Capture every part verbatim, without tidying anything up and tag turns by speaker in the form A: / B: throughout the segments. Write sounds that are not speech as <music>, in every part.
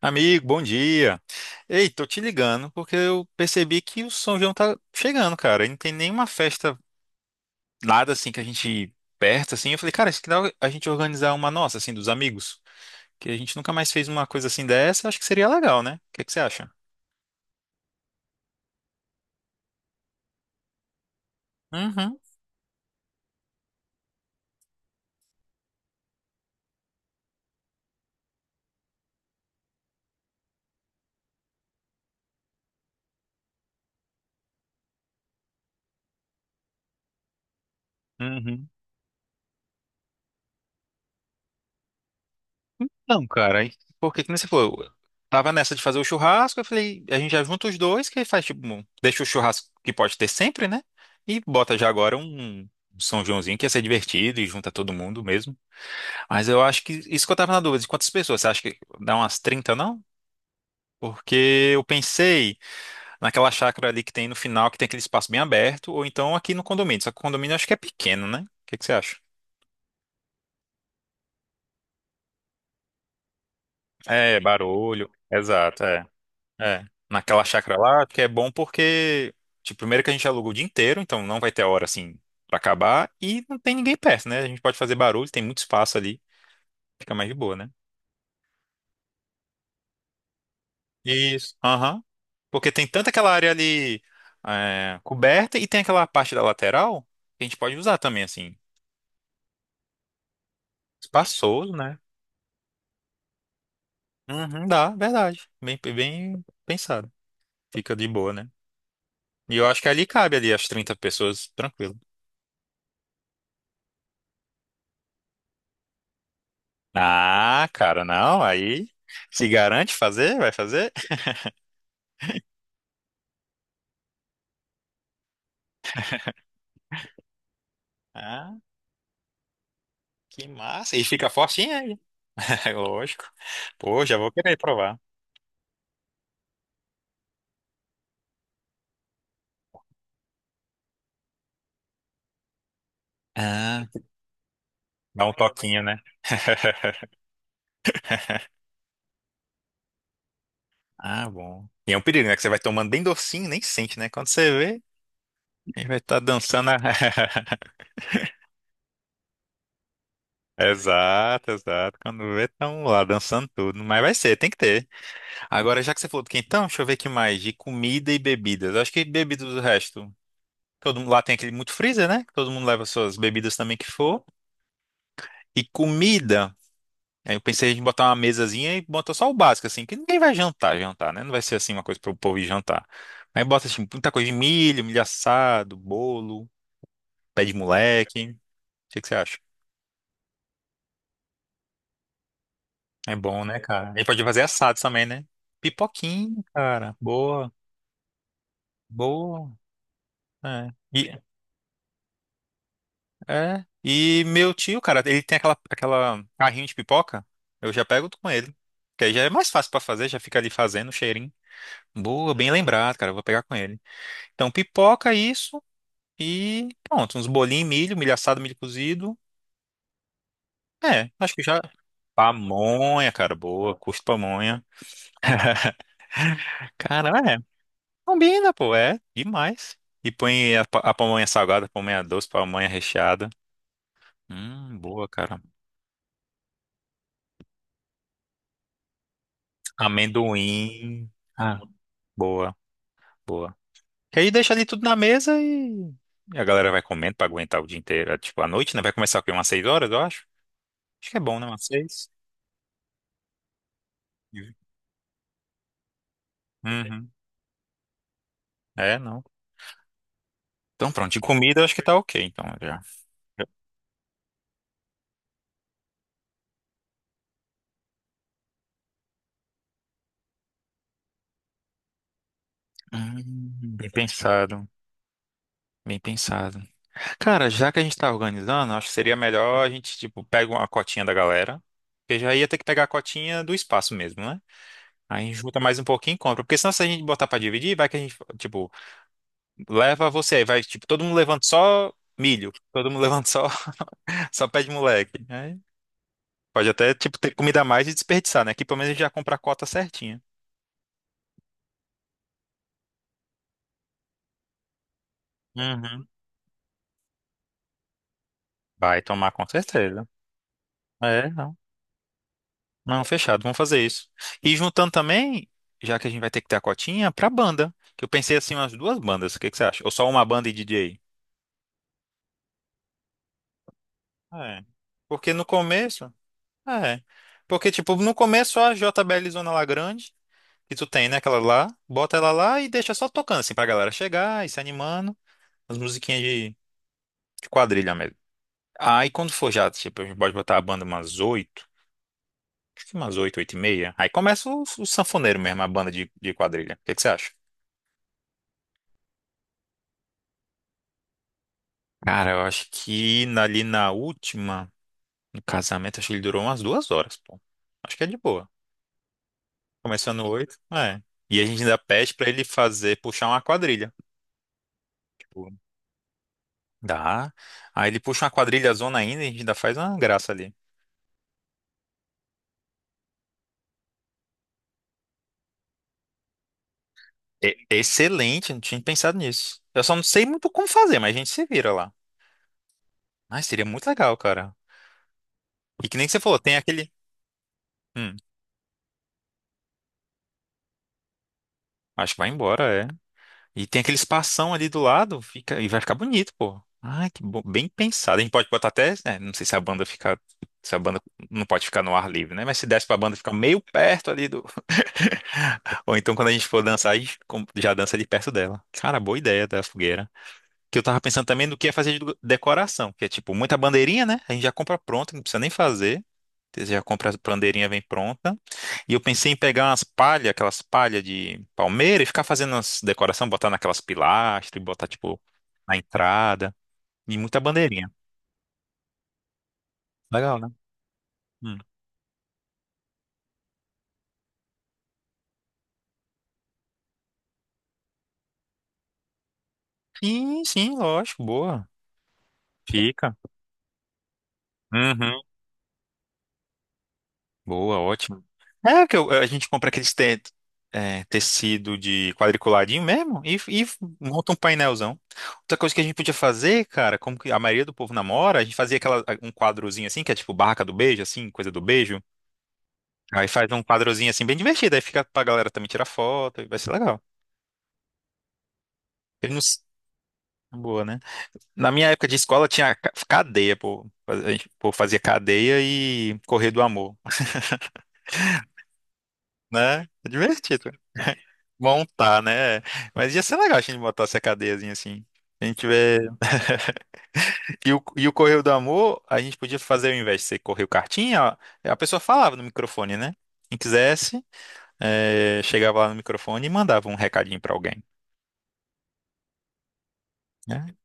A: Amigo, bom dia. Ei, tô te ligando porque eu percebi que o São João tá chegando, cara. E não tem nenhuma festa, nada assim que a gente perto assim. Eu falei, cara, acho que dá a gente organizar uma nossa assim dos amigos, que a gente nunca mais fez uma coisa assim dessa. Acho que seria legal, né? O que que você acha? Uhum, uhum. Não, cara, aí- porque que nem você falou, eu tava nessa de fazer o churrasco, eu falei, a gente já junta os dois, que aí faz tipo, um- deixa o churrasco que pode ter sempre, né? E bota já agora um um São Joãozinho que ia ser divertido e junta todo mundo mesmo. Mas eu acho que isso que eu tava na dúvida, de quantas pessoas? Você acha que dá umas trinta não? Porque eu pensei naquela chácara ali que tem no final, que tem aquele espaço bem aberto, ou então aqui no condomínio. Só que o condomínio eu acho que é pequeno, né? O que que você acha? É, barulho. Exato, é. É. Naquela chácara lá, que é bom porque, tipo, primeiro que a gente aluga o dia inteiro, então não vai ter hora assim pra acabar, e não tem ninguém perto, né? A gente pode fazer barulho, tem muito espaço ali, fica mais de boa, né? Isso. Aham. Porque tem tanto aquela área ali é, coberta e tem aquela parte da lateral que a gente pode usar também, assim. Espaçoso, né? Uhum, dá, verdade. Bem, bem pensado. Fica de boa, né? E eu acho que ali cabe ali as trinta pessoas, tranquilo. Ah, cara, não, aí se garante fazer, vai fazer. Ah, que massa. E fica fortinho aí. <laughs> Lógico. Pô, já vou querer provar. Ah, dá um toquinho, né? <laughs> Ah, bom. E é um perigo, né? Que você vai tomando bem docinho, e nem sente, né? Quando você vê, a gente vai estar dançando. a- <laughs> Exato, exato. Quando vê, estão lá dançando tudo. Mas vai ser, tem que ter. Agora, já que você falou do quentão, deixa eu ver o que mais. De comida e bebidas. Eu acho que bebidas do resto. Todo mundo lá tem aquele muito freezer, né? Que todo mundo leva suas bebidas também que for. E comida. Aí eu pensei em botar uma mesazinha e botar só o básico, assim, que ninguém vai jantar, jantar, né? Não vai ser assim uma coisa para o povo ir jantar. Aí bota assim, muita coisa de milho, milho assado, bolo. Pé de moleque. O que que você acha? É bom, né, cara? Ele pode fazer assado também, né? Pipoquinha, cara. Boa, boa. É. E, é. E meu tio, cara, ele tem aquela, aquela carrinho de pipoca. Eu já pego com ele. Que aí já é mais fácil pra fazer, já fica ali fazendo o cheirinho. Boa, bem lembrado, cara. Eu vou pegar com ele. Então, pipoca, isso. E pronto, uns bolinhos, milho, milho assado, milho cozido. É, acho que já. Pamonha, cara, boa. Curto pamonha. <laughs> Cara, é. Combina, pô, é demais. E põe a, pa- a pamonha salgada, pamonha doce, pamonha recheada. Hum, boa, cara. Amendoim. Ah, boa, boa. Que aí deixa ali tudo na mesa e, e a galera vai comendo pra aguentar o dia inteiro. É, tipo, à noite, né? Vai começar o quê? Umas seis horas, eu acho. Acho que é bom, né? Umas seis. Uhum. É, não. Então, pronto. De comida, eu acho que tá ok, então, já. Hum, bem pensado. Bem pensado. Cara, já que a gente tá organizando, acho que seria melhor a gente, tipo, pega uma cotinha da galera. Porque já ia ter que pegar a cotinha do espaço mesmo, né? Aí a gente junta mais um pouquinho e compra. Porque senão se a gente botar pra dividir, vai que a gente, tipo, leva você. Aí vai, tipo, todo mundo levando só milho. Todo mundo levando só, <laughs> só pé de moleque. Aí pode até, tipo, ter comida a mais e desperdiçar, né? Aqui pelo menos a gente já compra a cota certinha. Uhum. Vai tomar com certeza. É, não. Não, fechado, vamos fazer isso. E juntando também, já que a gente vai ter que ter a cotinha, pra banda. Que eu pensei assim, umas duas bandas, o que que você acha? Ou só uma banda e D J? É. Porque no começo. É. Porque, tipo, no começo só a J B L Zona lá grande, que tu tem, né? Aquela lá, bota ela lá e deixa só tocando, assim, pra galera chegar e se animando. As musiquinhas de, de quadrilha mesmo. Aí quando for já, tipo, a gente pode botar a banda umas oito, acho que umas oito, oito e meia. Aí começa o, o sanfoneiro mesmo, a banda de, de quadrilha. O que que você acha? Cara, eu acho que na- ali na última, no casamento, acho que ele durou umas duas horas, pô. Acho que é de boa. Começando oito, é. E a gente ainda pede pra ele fazer, puxar uma quadrilha. Tipo, dá. Aí ele puxa uma quadrilha zona ainda e a gente ainda faz uma graça ali. É excelente, não tinha pensado nisso. Eu só não sei muito como fazer, mas a gente se vira lá. Mas seria muito legal, cara. E que nem que você falou, tem aquele. Hum, acho que vai embora, é. E tem aquele espação ali do lado, fica e vai ficar bonito, pô. Ah, que bom, bem pensado. A gente pode botar até, né, não sei se a banda fica, se a banda não pode ficar no ar livre, né? Mas se desse pra banda ficar meio perto ali do, <laughs> ou então quando a gente for dançar, a gente com- já dança ali perto dela. Cara, boa ideia da fogueira que eu tava pensando também no que ia fazer de do- decoração, que é tipo muita bandeirinha, né? A gente já compra pronta, não precisa nem fazer. Você já compra a bandeirinha, vem pronta. E eu pensei em pegar umas palhas, aquelas palhas de palmeira e ficar fazendo as decoração, botar naquelas pilastras e botar tipo na entrada. E muita bandeirinha. Legal, né? Hum. Sim, sim, lógico, boa. Fica. Uhum. Boa, ótimo. É que eu- a gente compra aqueles te- é, tecido de quadriculadinho mesmo e, e monta um painelzão. Outra coisa que a gente podia fazer, cara, como que a maioria do povo namora, a gente fazia aquela, um quadrozinho assim, que é tipo barraca do beijo, assim, coisa do beijo. Aí faz um quadrozinho assim bem divertido, aí fica pra galera também tirar foto, e vai ser legal. Ele não. s- Boa, né? Na minha época de escola tinha ca- cadeia, pô. A gente, pô, fazia cadeia e correr do amor, né? É divertido. Montar, né? Mas ia ser legal a gente botar essa cadeiazinha assim. Se a gente tiver. <laughs> E o, e o Correio do Amor, a gente podia fazer ao invés de ser Correio Cartinha, ó, a pessoa falava no microfone, né? Quem quisesse, eh, chegava lá no microfone e mandava um recadinho pra alguém. Né?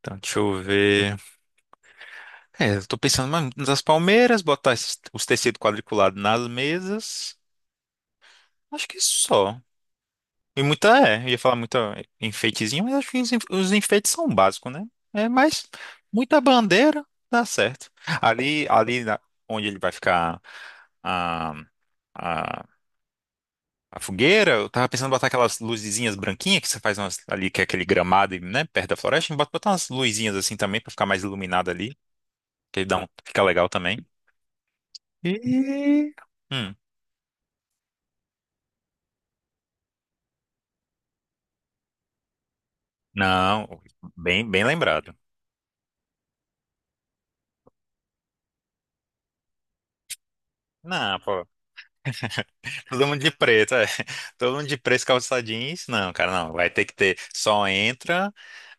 A: Então, deixa eu ver. É, eu tô pensando mais nas palmeiras, botar esses- os tecidos quadriculados nas mesas. Acho que só. E muita, é, eu ia falar muita enfeitezinho, mas acho que os enf- os enfeites são básicos, né? É, mas muita bandeira dá certo. Ali, ali na- onde ele vai ficar a, a, a fogueira, eu tava pensando em botar aquelas luzinhas branquinhas que você faz umas- ali, que é aquele gramado, e né, perto da floresta, bota botar umas luzinhas assim também pra ficar mais iluminado ali, que dá um, fica legal também. E. Hum, não, bem, bem lembrado. Não, pô. Todo mundo de preto, é. <laughs> Todo mundo de preto, calça jeans. Não, cara, não. Vai ter que ter. Só entra,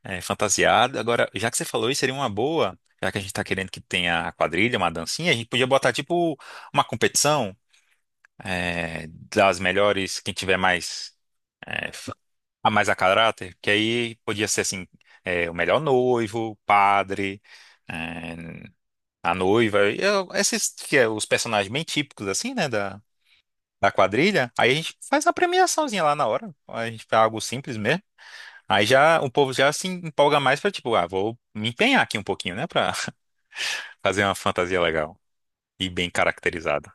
A: é, fantasiado. Agora, já que você falou isso, seria uma boa. Já que a gente tá querendo que tenha a quadrilha, uma dancinha, a gente podia botar, tipo, uma competição, é, das melhores, quem tiver mais, é, a mais a caráter, que aí podia ser, assim, é, o melhor noivo, padre, é, a noiva, e eu- esses que é os personagens bem típicos, assim, né, da quadrilha, aí a gente faz uma premiaçãozinha lá na hora. A gente faz algo simples mesmo. Aí já o povo já se empolga mais pra tipo, ah, vou me empenhar aqui um pouquinho, né, pra <laughs> fazer uma fantasia legal e bem caracterizada.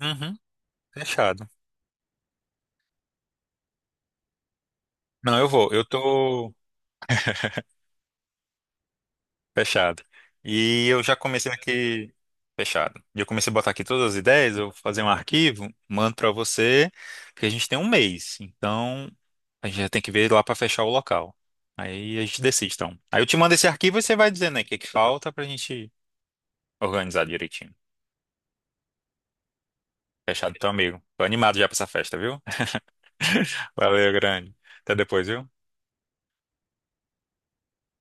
A: Uhum, fechado. Não, eu vou, eu tô fechado. E eu já comecei aqui fechado. E eu comecei a botar aqui todas as ideias, eu vou fazer um arquivo, mando pra você, porque a gente tem um mês. Então, a gente já tem que ver lá para fechar o local. Aí a gente decide, então. Aí eu te mando esse arquivo e você vai dizendo aí o que que falta pra gente organizar direitinho. Fechado, então, amigo. Tô animado já pra essa festa, viu? <laughs> Valeu, grande. Até depois, viu?